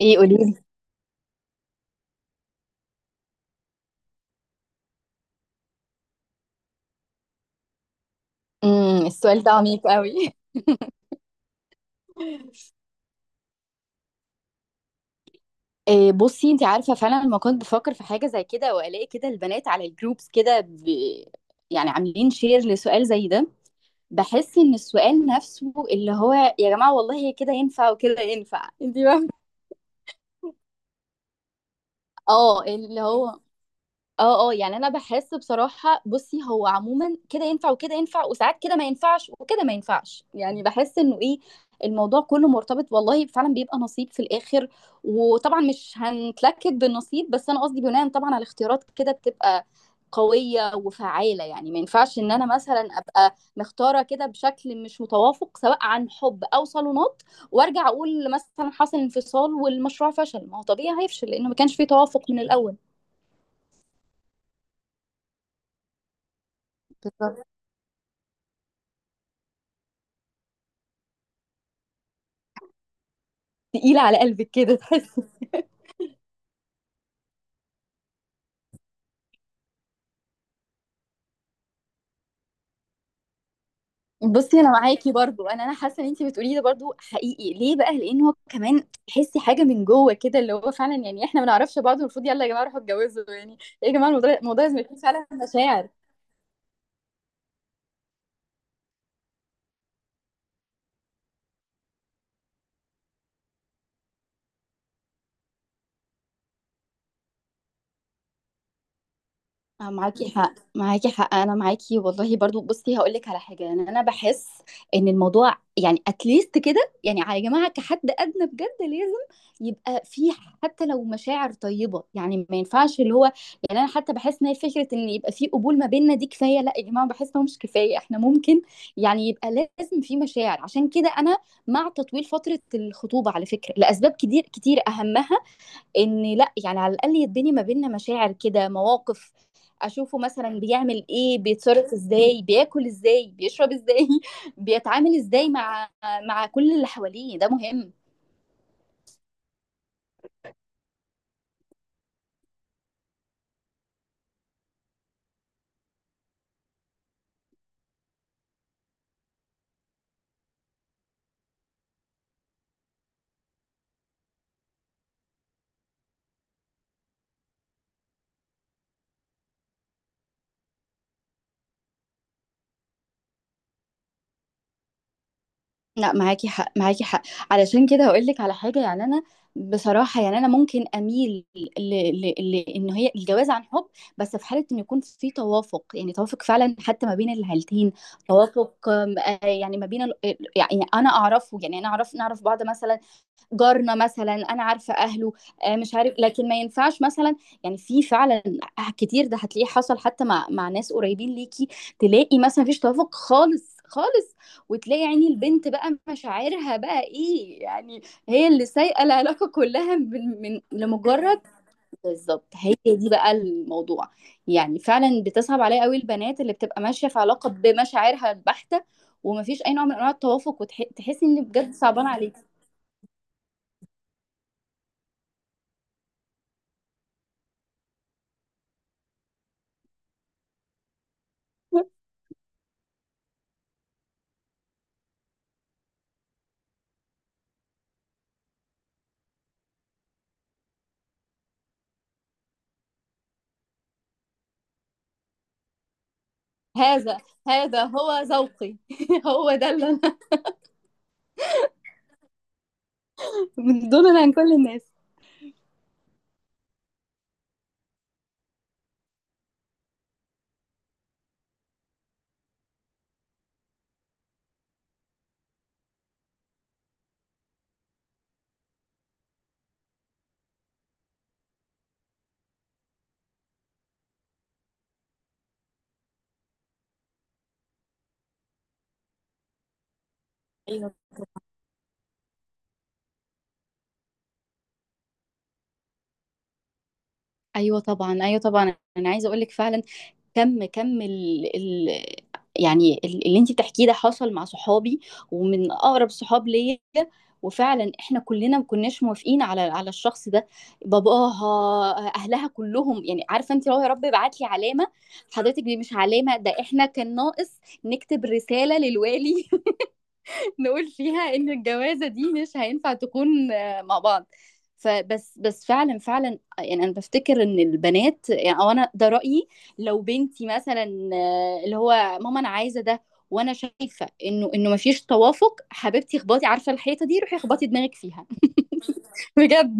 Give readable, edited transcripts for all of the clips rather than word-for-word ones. ايه، قوليلي. السؤال ده عميق قوي. إيه. بصي، انت عارفه فعلا لما كنت بفكر في حاجه زي كده والاقي كده البنات على الجروبس كده يعني عاملين شير لسؤال زي ده. بحس ان السؤال نفسه اللي هو يا جماعه والله كده ينفع وكده ينفع، انت فاهمه. اه اللي هو، اه يعني انا بحس بصراحه. بصي، هو عموما كده ينفع وكده ينفع، وساعات كده ما ينفعش وكده ما ينفعش. يعني بحس انه ايه، الموضوع كله مرتبط والله، فعلا بيبقى نصيب في الاخر. وطبعا مش هنتلكك بالنصيب، بس انا قصدي بناء طبعا على اختيارات كده بتبقى قويه وفعاله. يعني ما ينفعش ان انا مثلا ابقى مختاره كده بشكل مش متوافق، سواء عن حب او صالونات. وارجع اقول مثلا حصل انفصال والمشروع فشل، ما هو طبيعي هيفشل لانه ما كانش فيه توافق من الاول. بالظبط. تقيلة على قلبك كده تحسي؟ بصي، انا معاكي برضو. انا حاسه ان انت بتقوليه ده برضو حقيقي. ليه بقى؟ لان هو كمان تحسي حاجه من جوه كده اللي هو فعلا يعني احنا ما نعرفش بعض، المفروض يلا يا جماعه روحوا اتجوزوا يعني. إيه يا جماعه، الموضوع لازم يكون فعلا مشاعر. معاكي حق، معاكي حق، انا معاكي والله برضو. بصي، هقول لك على حاجه. يعني انا بحس ان الموضوع يعني اتليست كده، يعني يا جماعه كحد ادنى بجد لازم يبقى في حتى لو مشاعر طيبه، يعني ما ينفعش اللي هو. يعني انا حتى بحس ان هي فكره ان يبقى في قبول ما بيننا دي كفايه. لا يا جماعه، بحس انه مش كفايه، احنا ممكن يعني يبقى لازم في مشاعر. عشان كده انا مع تطويل فتره الخطوبه على فكره، لاسباب كتير كتير اهمها ان لا يعني، على الاقل يديني ما بيننا مشاعر كده مواقف. اشوفه مثلا بيعمل ايه، بيتصرف ازاي، بياكل ازاي، بيشرب ازاي، بيتعامل ازاي مع كل اللي حواليه، ده مهم. لا، معاكي حق، معاكي حق. علشان كده هقول لك على حاجه. يعني انا بصراحه، يعني انا ممكن اميل ان هي الجواز عن حب. بس في حاله ان يكون في توافق، يعني توافق فعلا حتى ما بين العيلتين. توافق آم، آه، يعني ما بين يعني انا اعرفه، يعني انا اعرف نعرف بعض مثلا. جارنا مثلا انا عارفه اهله. مش عارف، لكن ما ينفعش مثلا. يعني في فعلا كتير ده هتلاقيه حصل حتى مع ناس قريبين ليكي. تلاقي مثلا مفيش توافق خالص خالص. وتلاقي يعني البنت بقى مشاعرها بقى ايه، يعني هي اللي سايقه العلاقه كلها من لمجرد. بالظبط، هي دي بقى الموضوع. يعني فعلا بتصعب عليا قوي البنات اللي بتبقى ماشيه في علاقه بمشاعرها البحته، ومفيش اي نوع من انواع التوافق، وتحسي ان بجد صعبان عليكي. هذا هذا هو ذوقي. هو ده اللي أنا. من دون عن كل الناس. أيوه، أيوه طبعًا، أيوه طبعًا، أنا عايزة أقول لِك فعلًا. كَم كَم ال ال يعني اللي أنتِ بتحكيه ده حصل مع صحابي، ومن أقرب صحاب ليّا، وفعلًا إحنا كُلّنا ما كُناش موافقين على الشخص ده. باباها، أهلها كُلّهم، يعني عارفة أنتِ اللي هو يا رب ابعت لي علامة، حضرتِك دي مش علامة، ده إحنا كان ناقص نكتب رسالة للوالي نقول فيها ان الجوازه دي مش هينفع تكون مع بعض. فبس بس فعلا فعلا، يعني انا بفتكر ان البنات يعني، او انا ده رايي. لو بنتي مثلا، اللي هو ماما انا عايزه ده، وانا شايفه انه مفيش توافق، حبيبتي اخبطي، عارفه الحيطه دي، روحي اخبطي دماغك فيها. بجد.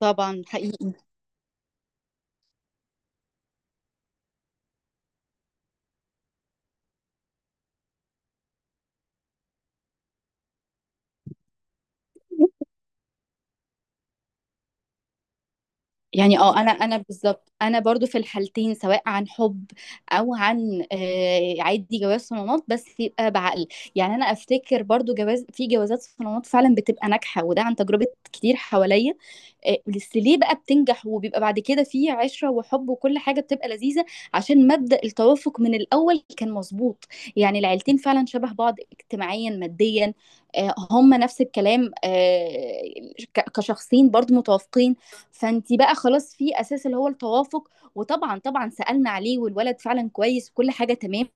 طبعا حقيقي. يعني اه، انا بالظبط، انا برضو في الحالتين، سواء عن حب او عن عادي جواز صالونات، بس يبقى بعقل. يعني انا افتكر برضو جواز في جوازات صالونات فعلا بتبقى ناجحه، وده عن تجربه كتير حواليا. بس ليه بقى بتنجح وبيبقى بعد كده في عشره وحب وكل حاجه بتبقى لذيذه؟ عشان مبدأ التوافق من الاول كان مظبوط. يعني العيلتين فعلا شبه بعض، اجتماعيا، ماديا، هم نفس الكلام. كشخصين برضو متوافقين. فانت بقى خلاص في اساس اللي هو التوافق. وطبعا طبعا سالنا عليه، والولد فعلا كويس وكل حاجه تمام.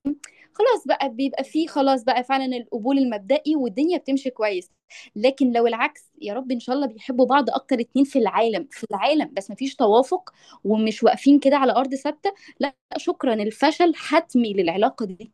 خلاص بقى بيبقى في، خلاص بقى فعلا القبول المبدئي والدنيا بتمشي كويس. لكن لو العكس، يا رب ان شاء الله، بيحبوا بعض اكتر اتنين في العالم في العالم، بس مفيش توافق، ومش واقفين كده على ارض ثابته. لا شكرا، الفشل حتمي للعلاقه دي.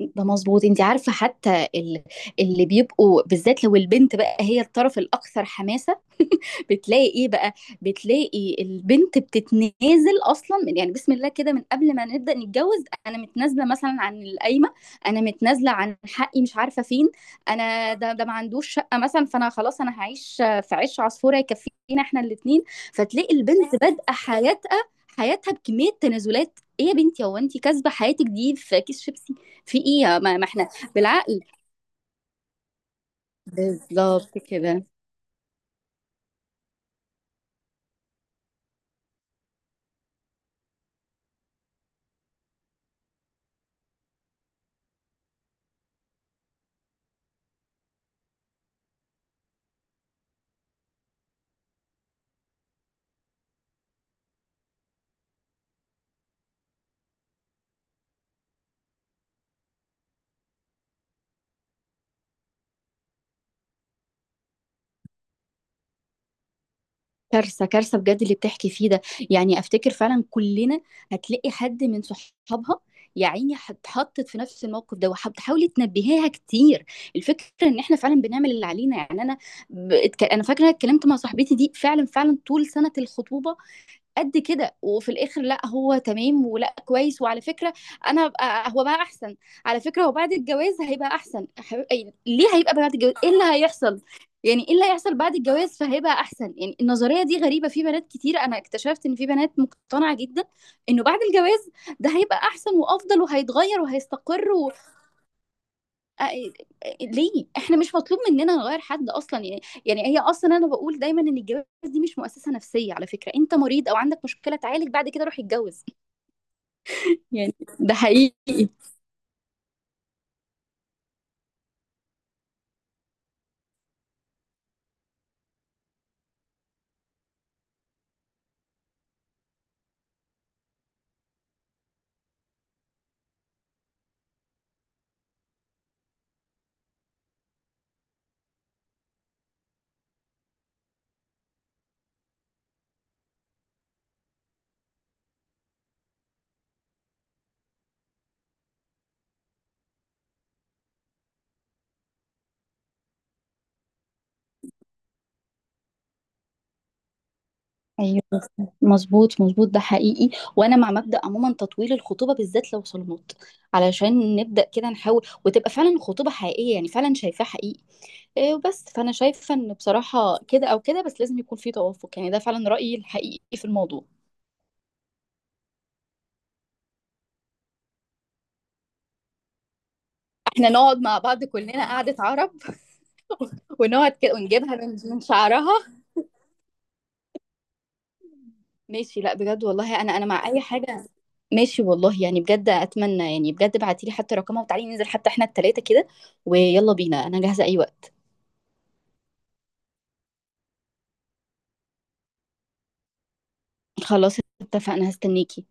ده مظبوط، انت عارفه حتى اللي بيبقوا بالذات لو البنت بقى هي الطرف الاكثر حماسه. بتلاقي ايه بقى؟ بتلاقي البنت بتتنازل اصلا من يعني بسم الله كده من قبل ما نبدا نتجوز، انا متنازله مثلا عن القايمه، انا متنازله عن حقي مش عارفه فين. انا ده ما عندوش شقه مثلا، فانا خلاص انا هعيش في عيش عصفوره يكفينا احنا الاثنين. فتلاقي البنت بادئه حياتها بكميه تنازلات. ايه يا بنتي، هو انت كاسبه حياتك دي في كيس شيبسي؟ في ايه؟ ما احنا. بالعقل. بالظبط كده. كارثة كارثة بجد اللي بتحكي فيه ده. يعني افتكر فعلا كلنا هتلاقي حد من صحابها يا عيني اتحطت في نفس الموقف ده، وحاولي تنبهيها كتير. الفكرة ان احنا فعلا بنعمل اللي علينا. يعني انا فاكرة اتكلمت مع صاحبتي دي فعلا فعلا طول سنة الخطوبة، قد كده، وفي الاخر لا هو تمام ولا كويس. وعلى فكره، انا بقى هو بقى احسن. على فكره، هو بعد الجواز هيبقى احسن. ليه هيبقى بعد الجواز؟ ايه اللي هيحصل؟ يعني ايه اللي هيحصل بعد الجواز فهيبقى احسن؟ يعني النظريه دي غريبه. في بنات كتير انا اكتشفت ان في بنات مقتنعه جدا انه بعد الجواز ده هيبقى احسن وافضل وهيتغير وهيستقر آه، ليه احنا مش مطلوب مننا نغير حد اصلا يعني. يعني هي اصلا، انا بقول دايما ان الجواز دي مش مؤسسة نفسية على فكرة، انت مريض او عندك مشكلة تعالج، بعد كده روح اتجوز. يعني ده حقيقي. ايوه، مظبوط مظبوط ده حقيقي. وانا مع مبدأ عموما تطويل الخطوبة، بالذات لو صالونات، علشان نبدأ كده نحاول وتبقى فعلا خطوبة حقيقية، يعني فعلا شايفاها حقيقي. إيه وبس. فانا شايفة ان بصراحة كده او كده، بس لازم يكون في توافق، يعني ده فعلا رأيي الحقيقي في الموضوع. احنا نقعد مع بعض كلنا قعدة عرب. ونقعد كده ونجيبها من شعرها. ماشي. لا بجد والله، انا مع اي حاجة. ماشي والله، يعني بجد اتمنى، يعني بجد ابعتي لي حتى رقمها، وتعالي ننزل حتى احنا التلاتة كده. ويلا بينا، انا جاهزة اي وقت. خلاص. اتفقنا. هستنيكي.